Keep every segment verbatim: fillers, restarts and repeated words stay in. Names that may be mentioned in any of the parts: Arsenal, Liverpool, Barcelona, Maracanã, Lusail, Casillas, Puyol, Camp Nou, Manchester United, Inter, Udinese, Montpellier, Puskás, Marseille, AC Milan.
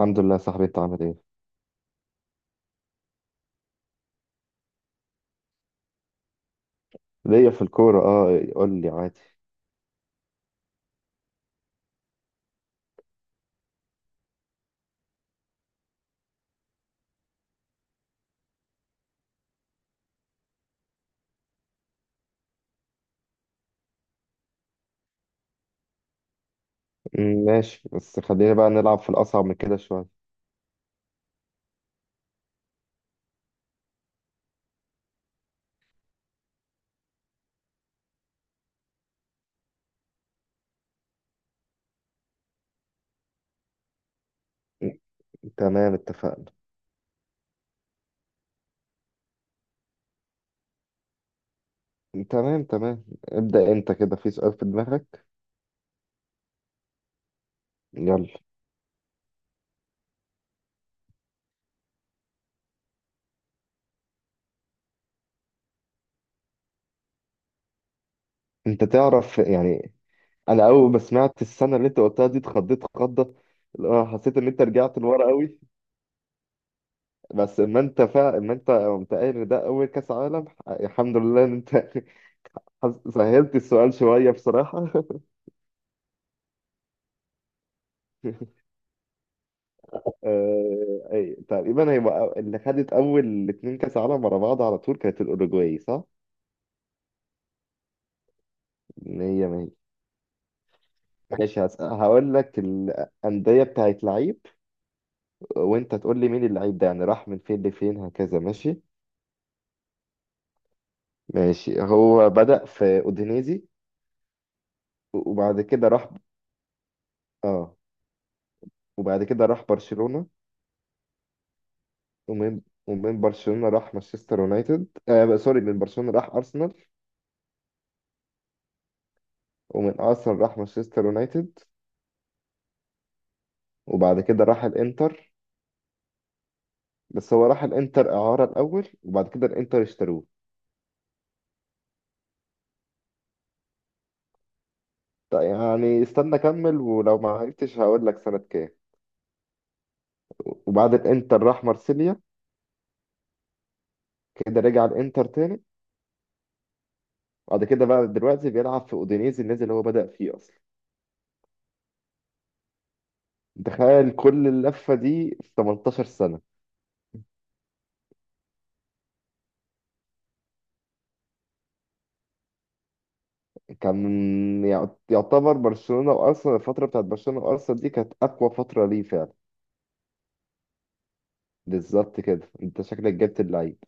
الحمد لله يا صاحبي، انت عامل ايه؟ ليا في الكورة، اه، قول لي عادي. م، ماشي، بس خلينا بقى نلعب في الأصعب من كده شوية. م، تمام، اتفقنا. تمام تمام، ابدأ انت كده في سؤال في دماغك. يلا. انت تعرف يعني، انا اول ما سمعت السنة اللي انت قلتها دي اتخضيت خضة، اللي هو حسيت ان انت رجعت لورا قوي. بس ما انت فا ما انت قمت قايل ان ده اول كاس عالم، الحمد لله ان انت سهلت السؤال شوية بصراحة. آه، أي تقريبا هي اللي خدت اول اتنين كاس عالم ورا بعض على طول، كانت الاوروجواي صح؟ ان هي ما هي. ماشي، هس- هقول لك الانديه بتاعت لعيب، وانت تقول لي مين اللعيب ده، يعني راح من فين لفين هكذا. ماشي. ماشي، هو بدأ في اودينيزي، وبعد كده راح. اه. وبعد كده راح برشلونه. ومن ومن برشلونه راح مانشستر يونايتد، آه سوري، من برشلونه راح ارسنال. ومن ارسنال راح مانشستر يونايتد. وبعد كده راح الانتر. بس هو راح الانتر اعاره الاول، وبعد كده الانتر اشتروه. طيب، يعني استنى اكمل، ولو ما عرفتش هقول لك سنه كام. وبعد الانتر راح مارسيليا، كده رجع الانتر تاني. بعد كده بقى دلوقتي بيلعب في اودينيزي، النادي اللي هو بدأ فيه اصلا. تخيل كل اللفه دي في تمنتاشر سنه. كان يعت- يعتبر برشلونه وارسنال، الفتره بتاعت برشلونه وارسنال دي كانت اقوى فتره ليه فعلا. بالظبط كده، انت شكلك جبت اللعيب.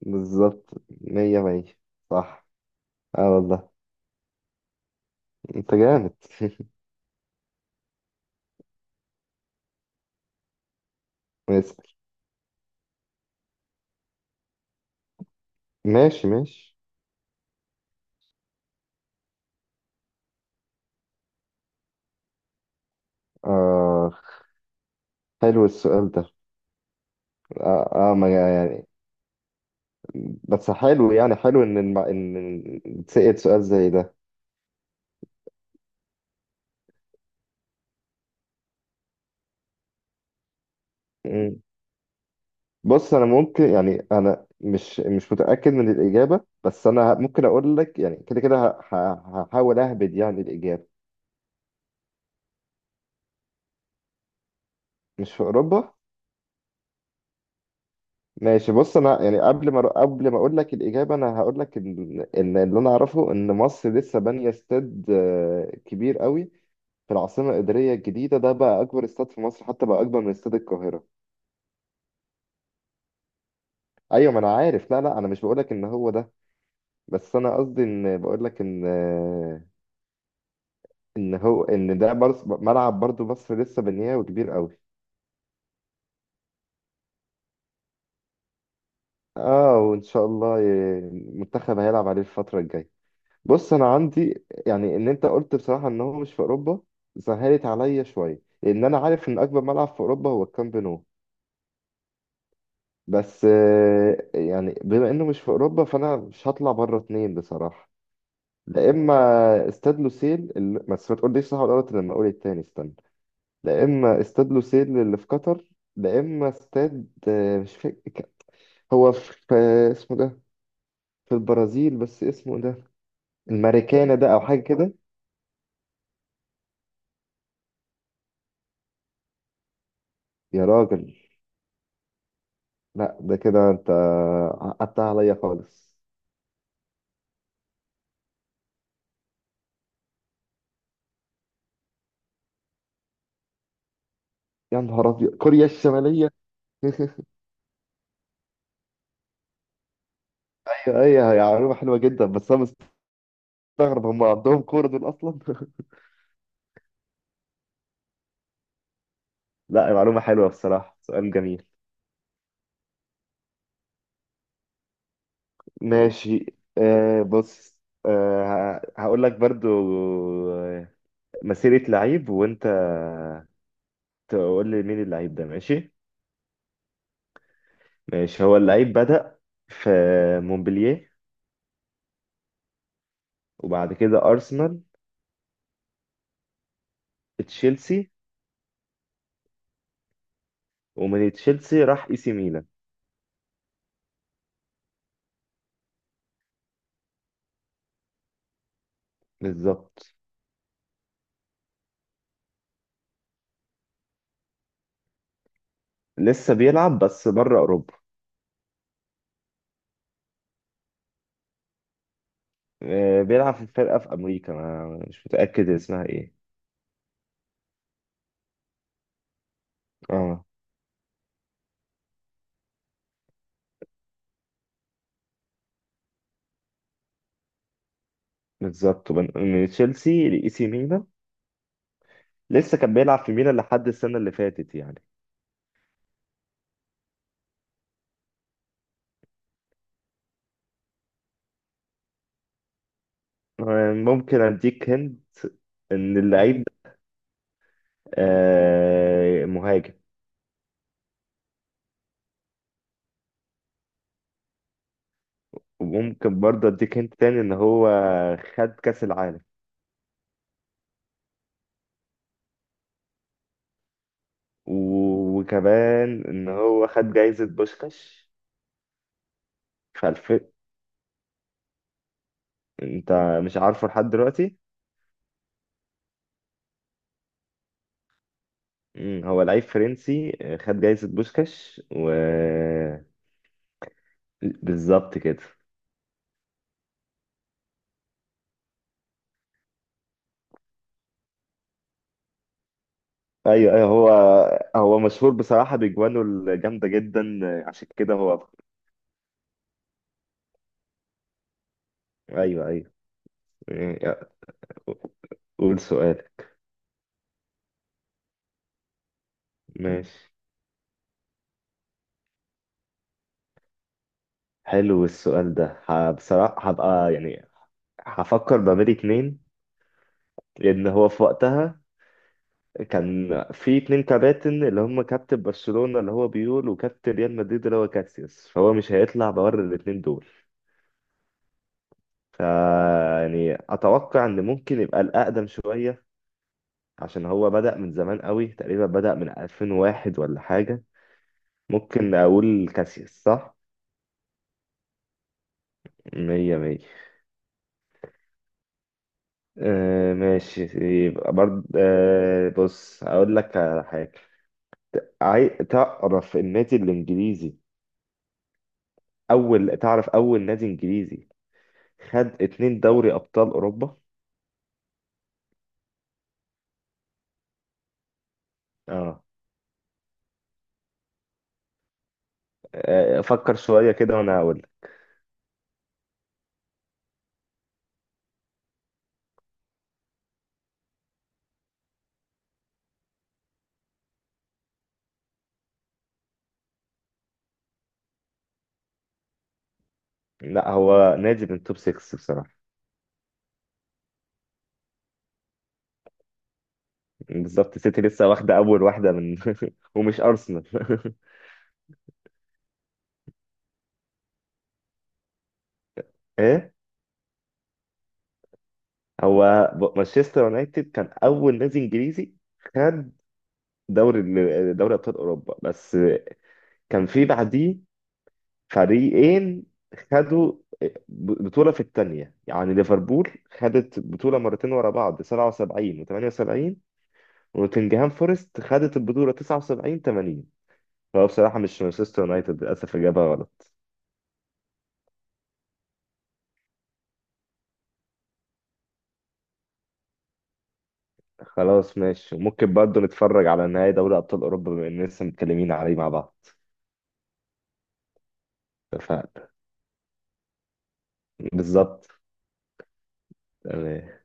بالظبط. مية مية. صح. اه والله. انت جامد. ماشي. ماشي ماشي. آه حلو السؤال ده. آه, آه ما يعني. بس حلو، يعني حلو إن الم... إن تسأل سؤال زي ده. مم. بص، أنا ممكن يعني أنا مش مش متأكد من الإجابة، بس أنا ه- ممكن أقول لك يعني كده كده ه- ه- هحاول أهبد يعني الإجابة. مش في أوروبا. ماشي، بص أنا يعني قبل ما قبل ما أقول لك الإجابة، أنا هقول لك إن إن اللي أنا أعرفه إن مصر لسه بانية استاد آه، كبير قوي في العاصمة الإدارية الجديدة. ده بقى أكبر استاد في مصر، حتى بقى أكبر من استاد القاهرة. أيوة ما أنا عارف. لا لا، أنا مش بقولك إن هو ده، بس أنا قصدي إن بقولك إن إن هو، إن ده برص ملعب برضو مصر لسه بنياه وكبير أوي. آه وإن شاء الله ي- المنتخب هيلعب عليه الفترة الجاية. بص، أنا عندي يعني إن أنت قلت بصراحة إن هو مش في أوروبا، سهلت عليا شوية، لأن أنا عارف إن أكبر ملعب في أوروبا هو الكامب نو. بس آه، يعني بما إنه مش في أوروبا، فأنا مش هطلع بره اتنين بصراحة. لا اما استاد لوسيل اللي... بس ما تقوليش صح ولا غلط لما اقول التاني، استنى. لا اما استاد لوسيل اللي في قطر. لا اما استاد، آه، مش فاكر. هو في في اسمه ده، في البرازيل بس اسمه ده الماريكانا ده او حاجه كده. يا راجل. لا ده كده انت قطعت عليا خالص. يا نهار ابيض، كوريا الشماليه! ايوه ايوه، هي معلومه حلوه جدا، بس انا مستغرب هم عندهم كوره دول اصلا. لا، معلومه حلوه بصراحه، سؤال جميل. ماشي. آه بص. آه هقول لك برضو. آه، مسيرة لعيب، وانت تقول لي مين اللعيب ده. ماشي. ماشي، هو اللعيب بدأ في مونبلييه، وبعد كده أرسنال، تشيلسي. ومن تشيلسي راح اي سي ميلان. بالظبط. لسه بيلعب بس بره أوروبا. آه بيلعب في فرقة في أمريكا، ما مش متأكد اسمها ايه. اه. بالظبط. وبن- من تشيلسي لإي سي ميلان. لسه كان بيلعب في ميلان لحد السنة اللي فاتت يعني. آه، ممكن اديك هند، ان اللعيب ده آه، مهاجم. وممكن برضه اديك هند تاني، ان هو خد كاس العالم. و- وكمان ان هو خد جايزة بوشكاش. في الف. انت مش عارفه لحد دلوقتي. مم، هو لعيب فرنسي، آه، خد جايزة بوشكاش و. بالظبط كده. ايوه ايوه، هو هو مشهور بصراحة بأجوانه الجامدة جدا، آه، عشان كده هو. ايوه ايوه. آه، قول سؤال. ماشي، حلو السؤال ده. ه- بصراحة هبقى يعني هفكر ما بين اتنين، لأن هو في وقتها كان في اتنين كباتن، اللي هم كابتن برشلونة اللي هو بيول وكابتن ريال مدريد اللي هو كاسياس، فهو مش هيطلع بره الاتنين دول. ف يعني أتوقع إن ممكن يبقى الأقدم شوية، عشان هو بدأ من زمان قوي، تقريبا بدأ من ألفين وواحد ولا حاجة. ممكن أقول كاسياس صح؟ مية مية. آه ماشي. يبقى برضه آه بص هقول لك على حاجة. عاي... تعرف النادي الإنجليزي أول تعرف أول نادي إنجليزي خد اتنين دوري أبطال أوروبا. اه. آه، فكر شوية كده وأنا هقول لك. لا، هو نادي من توب ستة بصراحة. بالظبط، سيتي لسه واخدة أول واحدة من. ومش أرسنال. إيه. هو ب- مانشستر يونايتد كان أول نادي إنجليزي خد دوري ال- دوري أبطال أوروبا، بس كان في بعديه فريقين خدوا بطولة في التانية، يعني ليفربول خدت بطولة مرتين ورا بعض سبعة وسبعين و78، ونوتنجهام فورست خدت البطولة تسعة وسبعين تمانين. فهو بصراحة مش مانشستر يونايتد، للأسف إجابة غلط. خلاص ماشي، وممكن برضه نتفرج على نهائي دوري أبطال أوروبا بما إننا لسه متكلمين عليه مع بعض. اتفقنا. بالظبط. تمام.